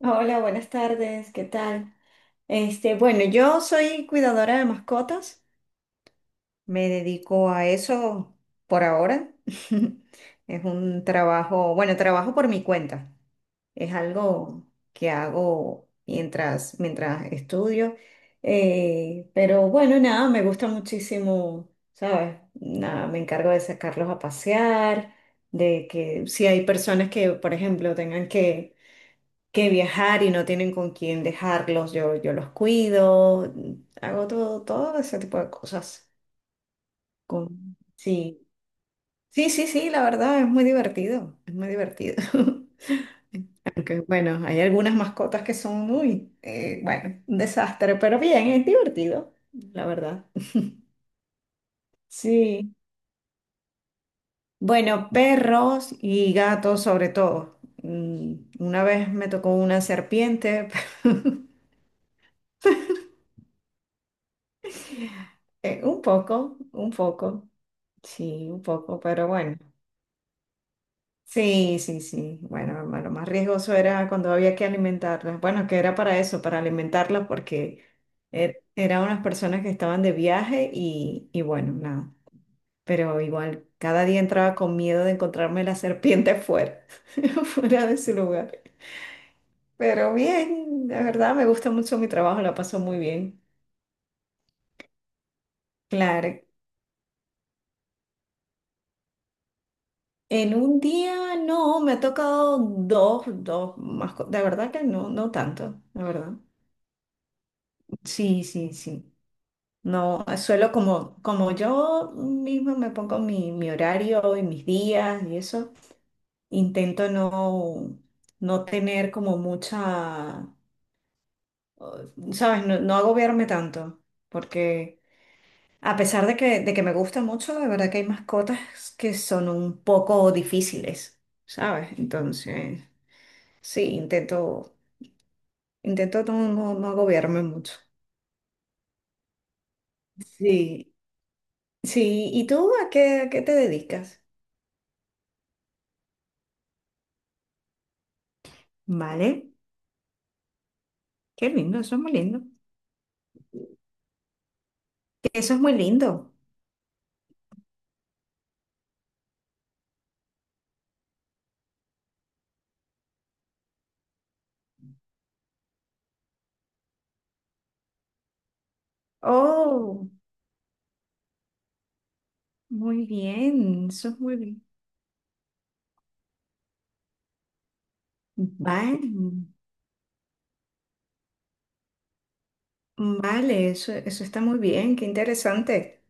Hola, buenas tardes, ¿qué tal? Bueno, yo soy cuidadora de mascotas, me dedico a eso por ahora. Es un trabajo, bueno, trabajo por mi cuenta. Es algo que hago mientras estudio. Pero bueno, nada, me gusta muchísimo, ¿sabes? Nada, me encargo de sacarlos a pasear, de que si hay personas que, por ejemplo, tengan que viajar y no tienen con quién dejarlos, yo los cuido, hago todo ese tipo de cosas. Sí, sí, sí, sí, la verdad es muy divertido, es muy divertido. Aunque bueno, hay algunas mascotas que son muy, bueno, un desastre, pero bien, es divertido, la verdad. Sí, bueno, perros y gatos sobre todo. Mm, una vez me tocó una serpiente, un poco, un poco. Sí, un poco, pero bueno. Sí, sí, sí. Bueno, lo más riesgoso era cuando había que alimentarlas. Bueno, que era para eso, para alimentarlas, porque eran unas personas que estaban de viaje y bueno, nada. Pero igual, cada día entraba con miedo de encontrarme la serpiente fuera, fuera de su lugar. Pero bien, la verdad me gusta mucho mi trabajo, la paso muy bien. Claro, en un día no, me ha tocado dos, dos más, de verdad que no, no tanto, la verdad. Sí, sí, sí. No, suelo como, como yo misma me pongo mi horario y mis días y eso, intento no, no tener como mucha, ¿sabes? No, no agobiarme tanto, porque a pesar de que me gusta mucho, de verdad que hay mascotas que son un poco difíciles, ¿sabes? Entonces, sí, intento, intento no, no, no agobiarme mucho. Sí, sí. ¿Y tú a qué te dedicas? Vale, qué lindo, eso es muy lindo. Eso es muy lindo. Oh, muy bien, eso es muy bien. Vale, vale, eso está muy bien, qué interesante.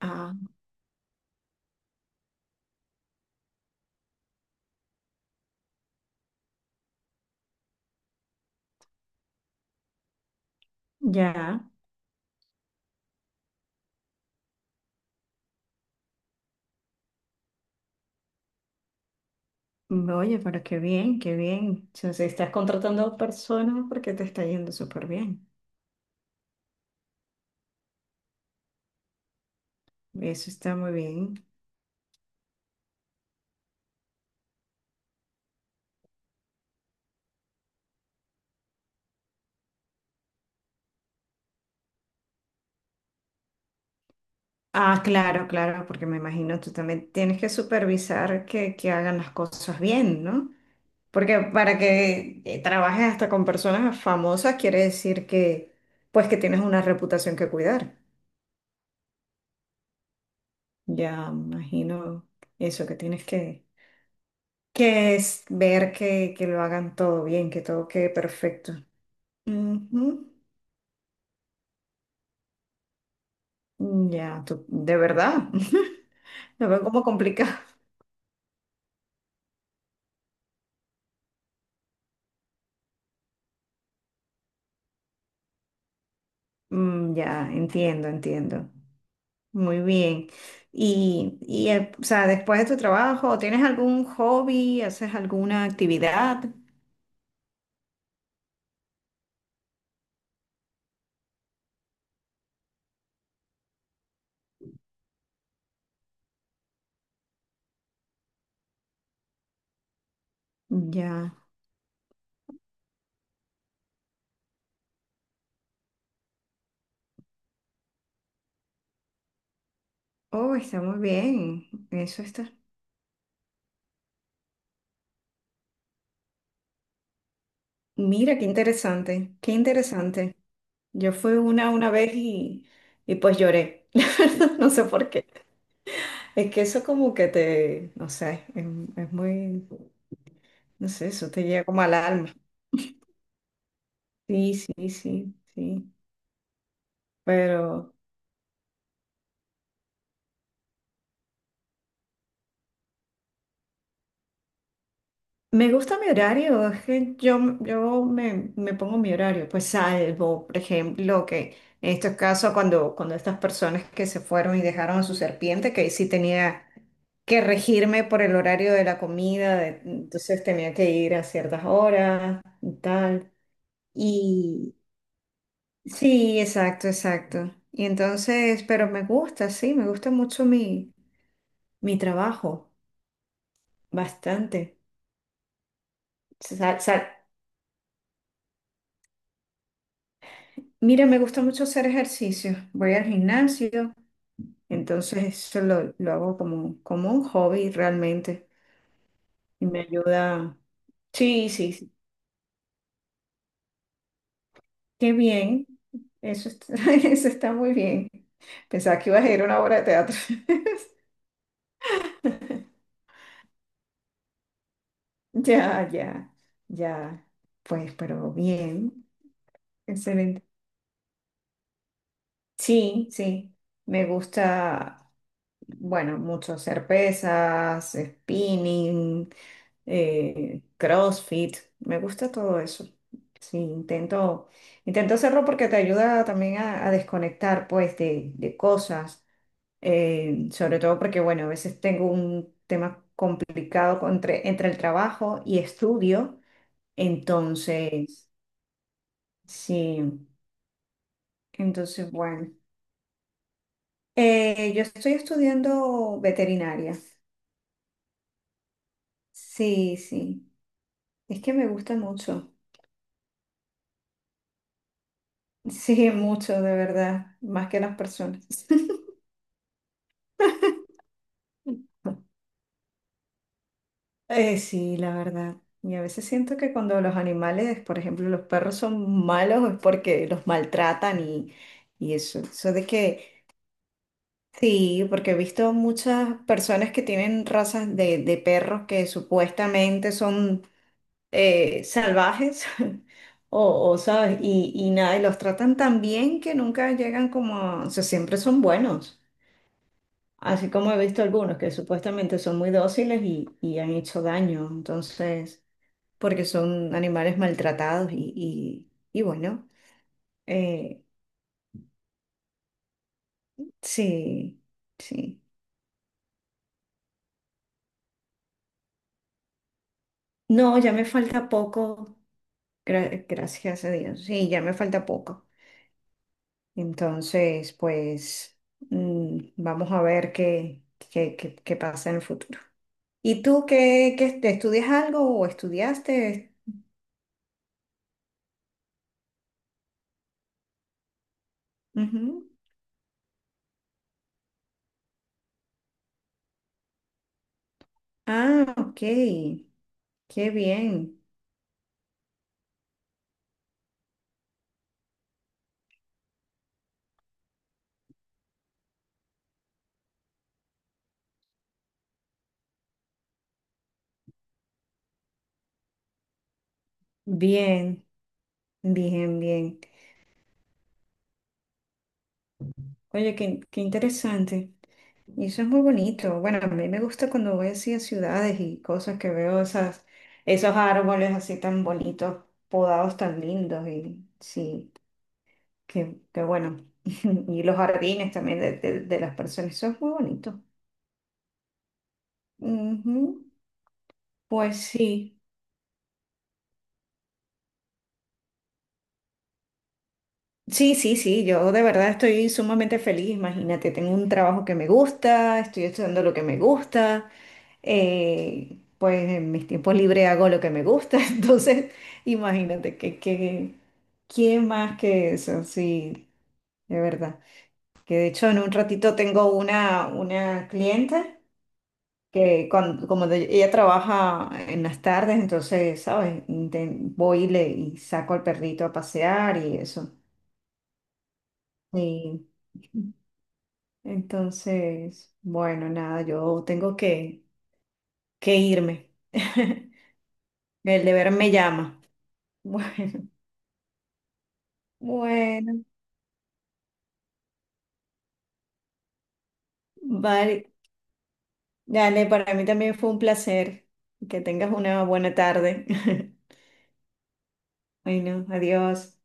Ah, ya. Oye, pero qué bien, qué bien. O sea, si estás contratando personas porque te está yendo súper bien. Eso está muy bien. Ah, claro, claro, porque me imagino tú también tienes que supervisar que hagan las cosas bien, ¿no? Porque para que trabajes hasta con personas famosas quiere decir que, pues, que tienes una reputación que cuidar. Ya imagino eso, que tienes que es ver que lo hagan todo bien, que todo quede perfecto. Ujú. Ya, de verdad. Lo veo como complicado. Mm, ya, entiendo, entiendo. Muy bien. Y o sea, después de tu trabajo, ¿tienes algún hobby? ¿Haces alguna actividad? Ya. Oh, está muy bien. Eso está. Mira, qué interesante, qué interesante. Yo fui una vez y pues lloré. No sé por qué. Es que eso como que te, no sé, es muy, no sé, eso te llega como al alma. Sí, sí, sí, sí. Pero... Me gusta mi horario, es que yo me, me pongo mi horario, pues salvo, por ejemplo, que en estos casos cuando, cuando estas personas que se fueron y dejaron a su serpiente, que ahí sí tenía que regirme por el horario de la comida, entonces tenía que ir a ciertas horas y tal. Y sí, exacto, exacto. Y entonces, pero me gusta, sí, me gusta mucho mi, mi trabajo, bastante. Mira, me gusta mucho hacer ejercicio. Voy al gimnasio, entonces eso lo hago como, como un hobby realmente y me ayuda. Sí, sí, sí. Qué bien. Eso está, eso está muy bien. Pensaba que ibas a ir a una obra de teatro. Ya, ya, ya. Pues, pero bien. Excelente. Sí, sí. Me gusta, bueno, mucho hacer pesas, spinning. CrossFit, me gusta todo eso. Sí, intento, intento hacerlo porque te ayuda también a desconectar pues de cosas, sobre todo porque bueno, a veces tengo un tema complicado entre, entre el trabajo y estudio, entonces, sí, entonces bueno. Yo estoy estudiando veterinaria. Sí, sí. Es que me gusta mucho. Sí, mucho, de verdad. Más que las personas. Sí, la verdad. Y a veces siento que cuando los animales, por ejemplo, los perros son malos es porque los maltratan y eso. Eso de que, sí, porque he visto muchas personas que tienen razas de perros que supuestamente son salvajes o, ¿sabes? Y nada, y los tratan tan bien que nunca llegan como, o sea, siempre son buenos. Así como he visto algunos que supuestamente son muy dóciles y han hecho daño. Entonces... porque son animales maltratados y, y bueno, eh, sí, sí. No, ya me falta poco, gracias a Dios, sí, ya me falta poco. Entonces, pues mm, vamos a ver qué, qué, qué pasa en el futuro. ¿Y tú qué, qué te estudias algo o estudiaste? Ujú. Ah, ok, qué bien, bien, bien, bien. Oye, qué, qué interesante. Y eso es muy bonito. Bueno, a mí me gusta cuando voy así a ciudades y cosas que veo esas, esos árboles así tan bonitos, podados tan lindos y sí, qué, qué bueno. Y los jardines también de, de las personas, eso es muy bonito. Ujú. Pues sí. Sí, sí, sí, yo de verdad estoy sumamente feliz, imagínate, tengo un trabajo que me gusta, estoy estudiando lo que me gusta, pues en mis tiempos libres hago lo que me gusta, entonces imagínate que, ¿quién más que eso? Sí, de verdad. Que de hecho en un ratito tengo una clienta que cuando, ella trabaja en las tardes, entonces, ¿sabes? Voy y, le, y saco al perrito a pasear y eso. Y entonces, bueno, nada, yo tengo que irme. El deber me llama. Bueno, bueno, vale. Dale, para mí también fue un placer. Que tengas una buena tarde. Bueno, adiós.